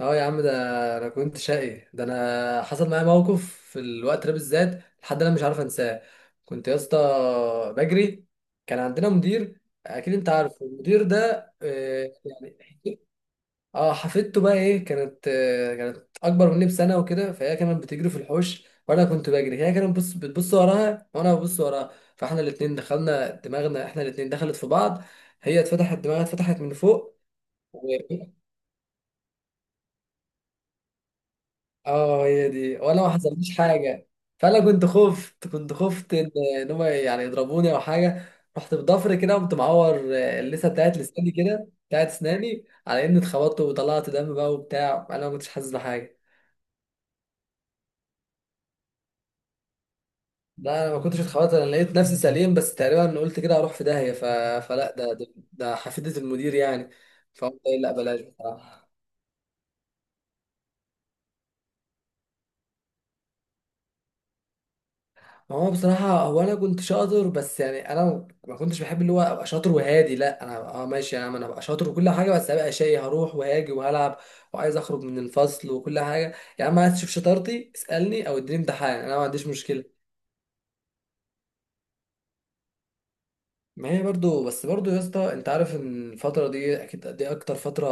اه يا عم ده. انا كنت شقي ده، انا حصل معايا موقف في الوقت ده بالذات، لحد انا مش عارف انساه. كنت يا اسطى بجري. كان عندنا مدير، اكيد انت عارف المدير ده. آه، يعني. اه، حفيدته بقى ايه كانت، كانت اكبر مني بسنه وكده، فهي كانت بتجري في الحوش وانا كنت بجري، هي كانت بتبص بتبص وراها وانا ببص وراها، فاحنا الاتنين دخلنا دماغنا، احنا الاتنين دخلت في بعض. هي اتفتحت، دماغها اتفتحت من فوق. اه، هي دي، وانا ما حصلليش حاجه. فانا كنت خفت ان هم يعني يضربوني او حاجه. رحت بضفر كده، قمت معور اللثه بتاعت لساني كده، بتاعت اسناني، على اني اتخبطت وطلعت دم بقى وبتاع، انا ما كنتش حاسس بحاجه. لا، انا ما كنتش اتخبطت، انا لقيت نفسي سليم، بس تقريبا قلت كده اروح في داهيه فلا ده حفيدة المدير يعني. فقلت لا بلاش بصراحه. هو بصراحة أنا كنت شاطر، بس يعني أنا ما كنتش بحب اللي هو أبقى شاطر وهادي. لا، أنا ماشي يا عم، أنا أبقى شاطر وكل حاجة، بس أبقى شقي، هروح وهاجي وهلعب، وعايز أخرج من الفصل وكل حاجة. يا عم، عايز تشوف شطارتي، اسألني أو اديني امتحان، أنا ما عنديش مشكلة. ما هي برضو بس برضو يا اسطى، انت عارف ان الفترة دي اكيد دي اكتر فترة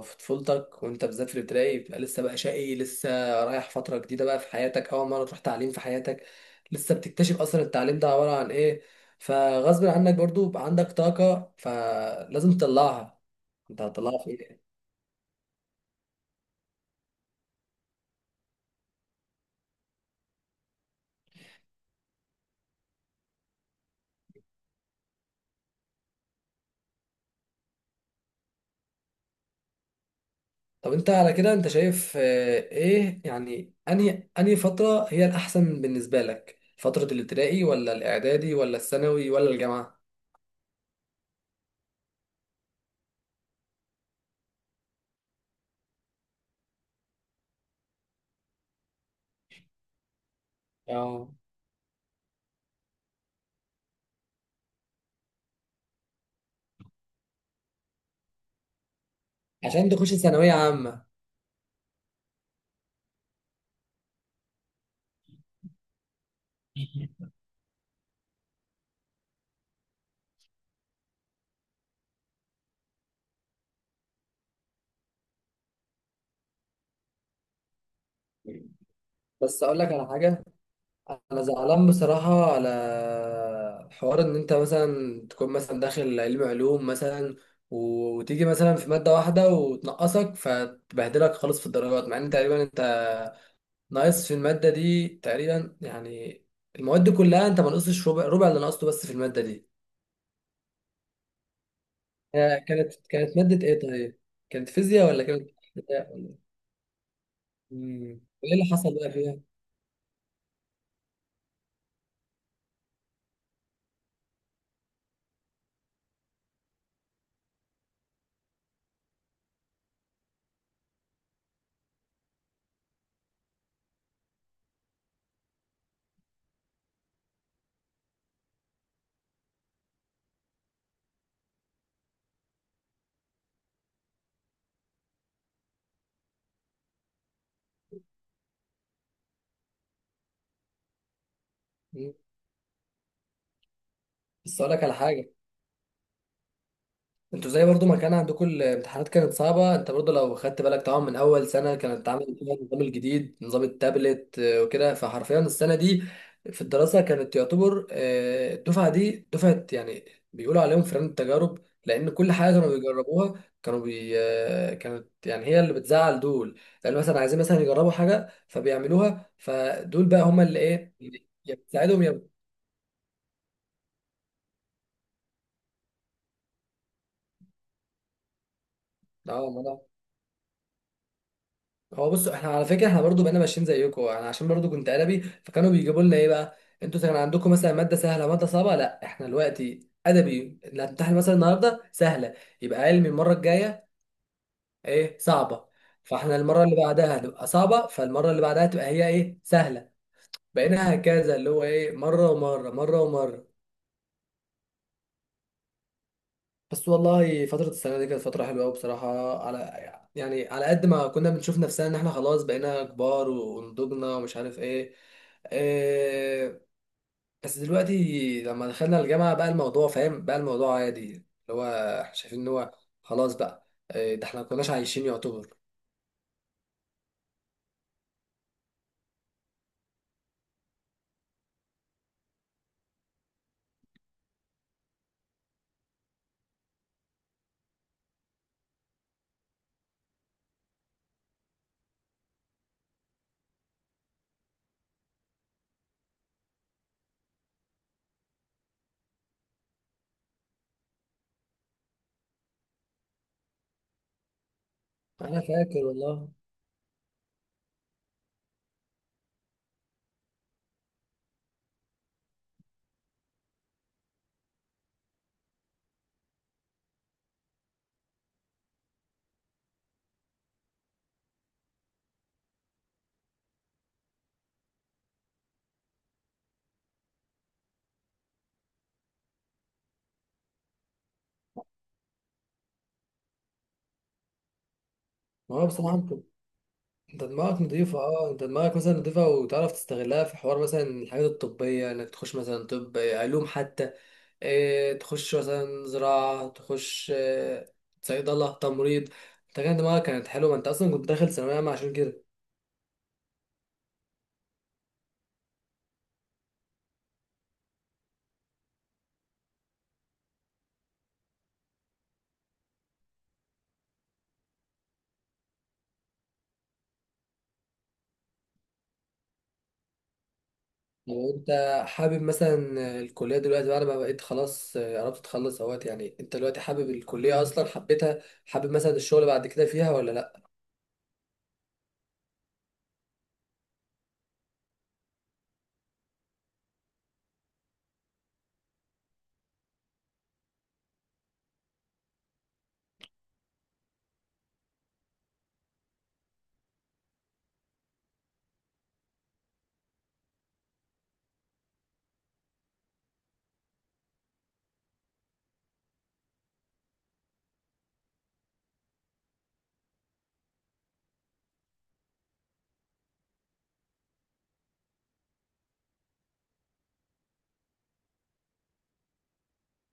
في طفولتك، وانت بالذات في الابتدائي بتبقى لسه بقى شقي، لسه رايح فترة جديدة بقى في حياتك، اول مرة تروح تعليم في حياتك، لسه بتكتشف اصلا التعليم ده عبارة عن ايه. فغصب عنك برضو بقى عندك طاقة، فلازم تطلعها. انت هتطلعها في ايه؟ طب انت على كده، انت شايف ايه يعني، انهي فترة هي الاحسن بالنسبة لك؟ فترة الابتدائي ولا الاعدادي ولا الثانوي ولا الجامعة؟ اه، عشان تخش ثانوية عامة. بس اقول لك على حاجة، انا زعلان بصراحة على حوار ان انت مثلا تكون مثلا داخل علم علوم مثلا، وتيجي مثلا في مادة واحدة وتنقصك، فتبهدلك خالص في الدرجات، مع ان تقريبا انت ناقص في المادة دي تقريبا يعني، المواد دي كلها انت ما نقصتش ربع اللي نقصته، بس في المادة دي. كانت مادة ايه طيب؟ كانت فيزياء ولا كانت؟ مم. ايه اللي حصل بقى فيها؟ مم. بس اقول لك على حاجة، انتوا زي برضو ما كان عندكم الامتحانات كانت صعبة، انت برضو لو خدت بالك، طبعا من اول سنة كانت عامل فيها النظام الجديد، نظام التابلت وكده، فحرفيا السنة دي في الدراسة كانت تعتبر الدفعة دي دفعة يعني بيقولوا عليهم فران التجارب، لان كل حاجة كانوا بيجربوها، كانوا بي اه، كانت يعني هي اللي بتزعل دول، يعني مثلا عايزين مثلا يجربوا حاجة فبيعملوها، فدول بقى هما اللي ايه، يا بتساعدهم اه، ما انا. هو بص، احنا على فكره احنا برضو بقينا ماشيين زيكم، انا عشان برضو كنت ادبي، فكانوا بيجيبوا لنا ايه بقى. انتوا كان عندكم مثلا ماده سهله ماده صعبه، لا احنا دلوقتي ادبي، اللي هتمتحن مثلا النهارده سهله، يبقى علمي المره الجايه ايه صعبه. فاحنا المره اللي بعدها هتبقى صعبه، فالمره اللي بعدها تبقى هي ايه سهله. بقينا هكذا اللي هو ايه، مره ومره مره ومره. بس والله فترة السنة دي كانت فترة حلوة أوي بصراحة، على يعني على قد ما كنا بنشوف نفسنا إن إحنا خلاص بقينا كبار ونضجنا ومش عارف إيه. بس دلوقتي لما دخلنا الجامعة بقى الموضوع فاهم، بقى الموضوع عادي، اللي هو إحنا شايفين إن هو خلاص بقى. إيه ده، إحنا مكناش عايشين يعتبر. أنا فاكر والله. ما هو بصراحة انت دماغك نضيفة، انت دماغك مثلا نضيفة، وتعرف تستغلها في حوار مثلا الحاجات الطبية، انك تخش مثلا طب، علوم حتى، اه تخش مثلا زراعة، تخش صيدلة، تمريض. انت كان دماغك كانت حلوة، ما انت اصلا كنت داخل ثانوية عامة عشان كده. لو انت حابب مثلا الكلية دلوقتي بعد ما بقيت خلاص قربت تخلص اهوت، يعني انت دلوقتي حابب الكلية اصلا، حبيتها، حابب مثلا الشغل بعد كده فيها ولا لا؟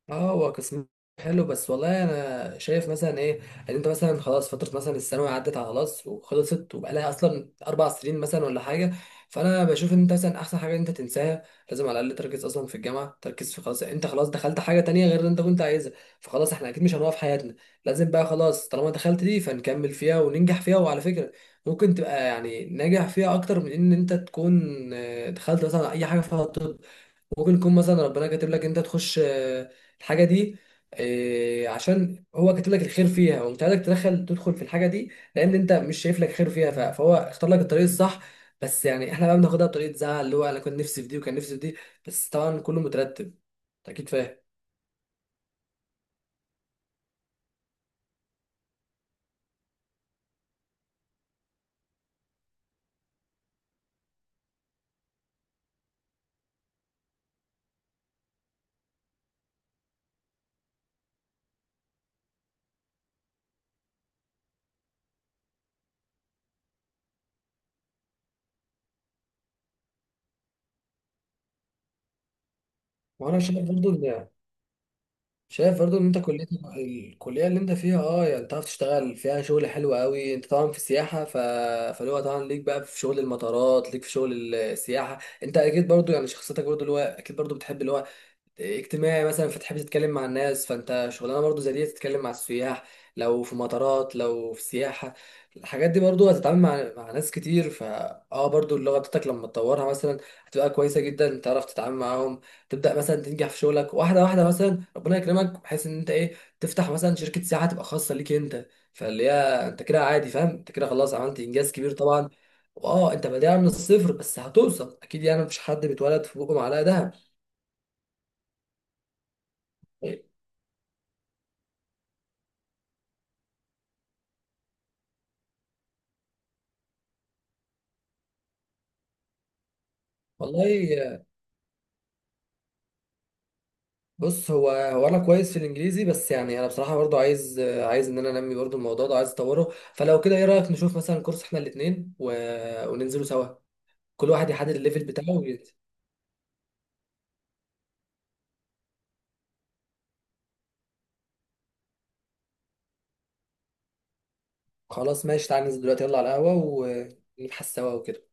اه، هو قسم حلو، بس والله انا شايف مثلا ايه، ان انت مثلا خلاص فتره مثلا الثانوي عدت على خلاص وخلصت، وبقالها اصلا 4 سنين مثلا ولا حاجه، فانا بشوف ان انت مثلا احسن حاجه إن انت تنساها. لازم على الاقل تركز اصلا في الجامعه، تركز في خلاص، انت خلاص دخلت حاجه تانية غير اللي انت كنت عايزها، فخلاص احنا اكيد مش هنوقف حياتنا. لازم بقى خلاص، طالما دخلت دي فنكمل فيها وننجح فيها. وعلى فكره، ممكن تبقى يعني ناجح فيها اكتر من ان انت تكون دخلت مثلا اي حاجه فيها طب. ممكن يكون مثلا ربنا كاتب لك انت تخش الحاجه دي، عشان هو كاتب لك الخير فيها، ومش عايزك تدخل في الحاجه دي، لان انت مش شايف لك خير فيها، فهو اختار لك الطريق الصح. بس يعني احنا بقى بناخدها بطريقه زعل، اللي هو انا كنت نفسي في دي وكان نفسي في دي، بس طبعا كله مترتب. أنت اكيد فاهم. وانا شايف برضو ان انت الكلية اللي انت فيها يعني تعرف تشتغل فيها شغل حلو قوي، انت طبعا في السياحة فاللي هو طبعا ليك بقى في شغل المطارات، ليك في شغل السياحة. انت اكيد برضو يعني شخصيتك برضو اللي هو اكيد برضو بتحب اللي هو اجتماعي مثلا، فتحب تتكلم مع الناس، فانت شغلانه برضو زي دي تتكلم مع السياح، لو في مطارات لو في سياحه. الحاجات دي برضو هتتعامل مع ناس كتير، فا اه برضو اللغه بتاعتك لما تطورها مثلا هتبقى كويسه جدا، تعرف تتعامل معاهم. تبدا مثلا تنجح في شغلك واحده واحده، مثلا ربنا يكرمك بحيث ان انت ايه، تفتح مثلا شركه سياحه تبقى خاصه ليك انت، فاللي هي انت كده عادي فاهم، انت كده خلاص عملت انجاز كبير طبعا. انت بادئها من الصفر، بس هتوصل اكيد، يعني مفيش حد بيتولد في بقه معلقه دهب. إيه، والله بص، هو انا كويس في الانجليزي، بس يعني انا بصراحه برضو عايز ان انا انمي برضو الموضوع ده، عايز اطوره. فلو كده ايه رايك نشوف مثلا كورس احنا الاثنين وننزله سوا، كل واحد يحدد الليفل بتاعه وينزل. خلاص ماشي، تعال ننزل دلوقتي، يلا على القهوه ونبحث سوا وكده.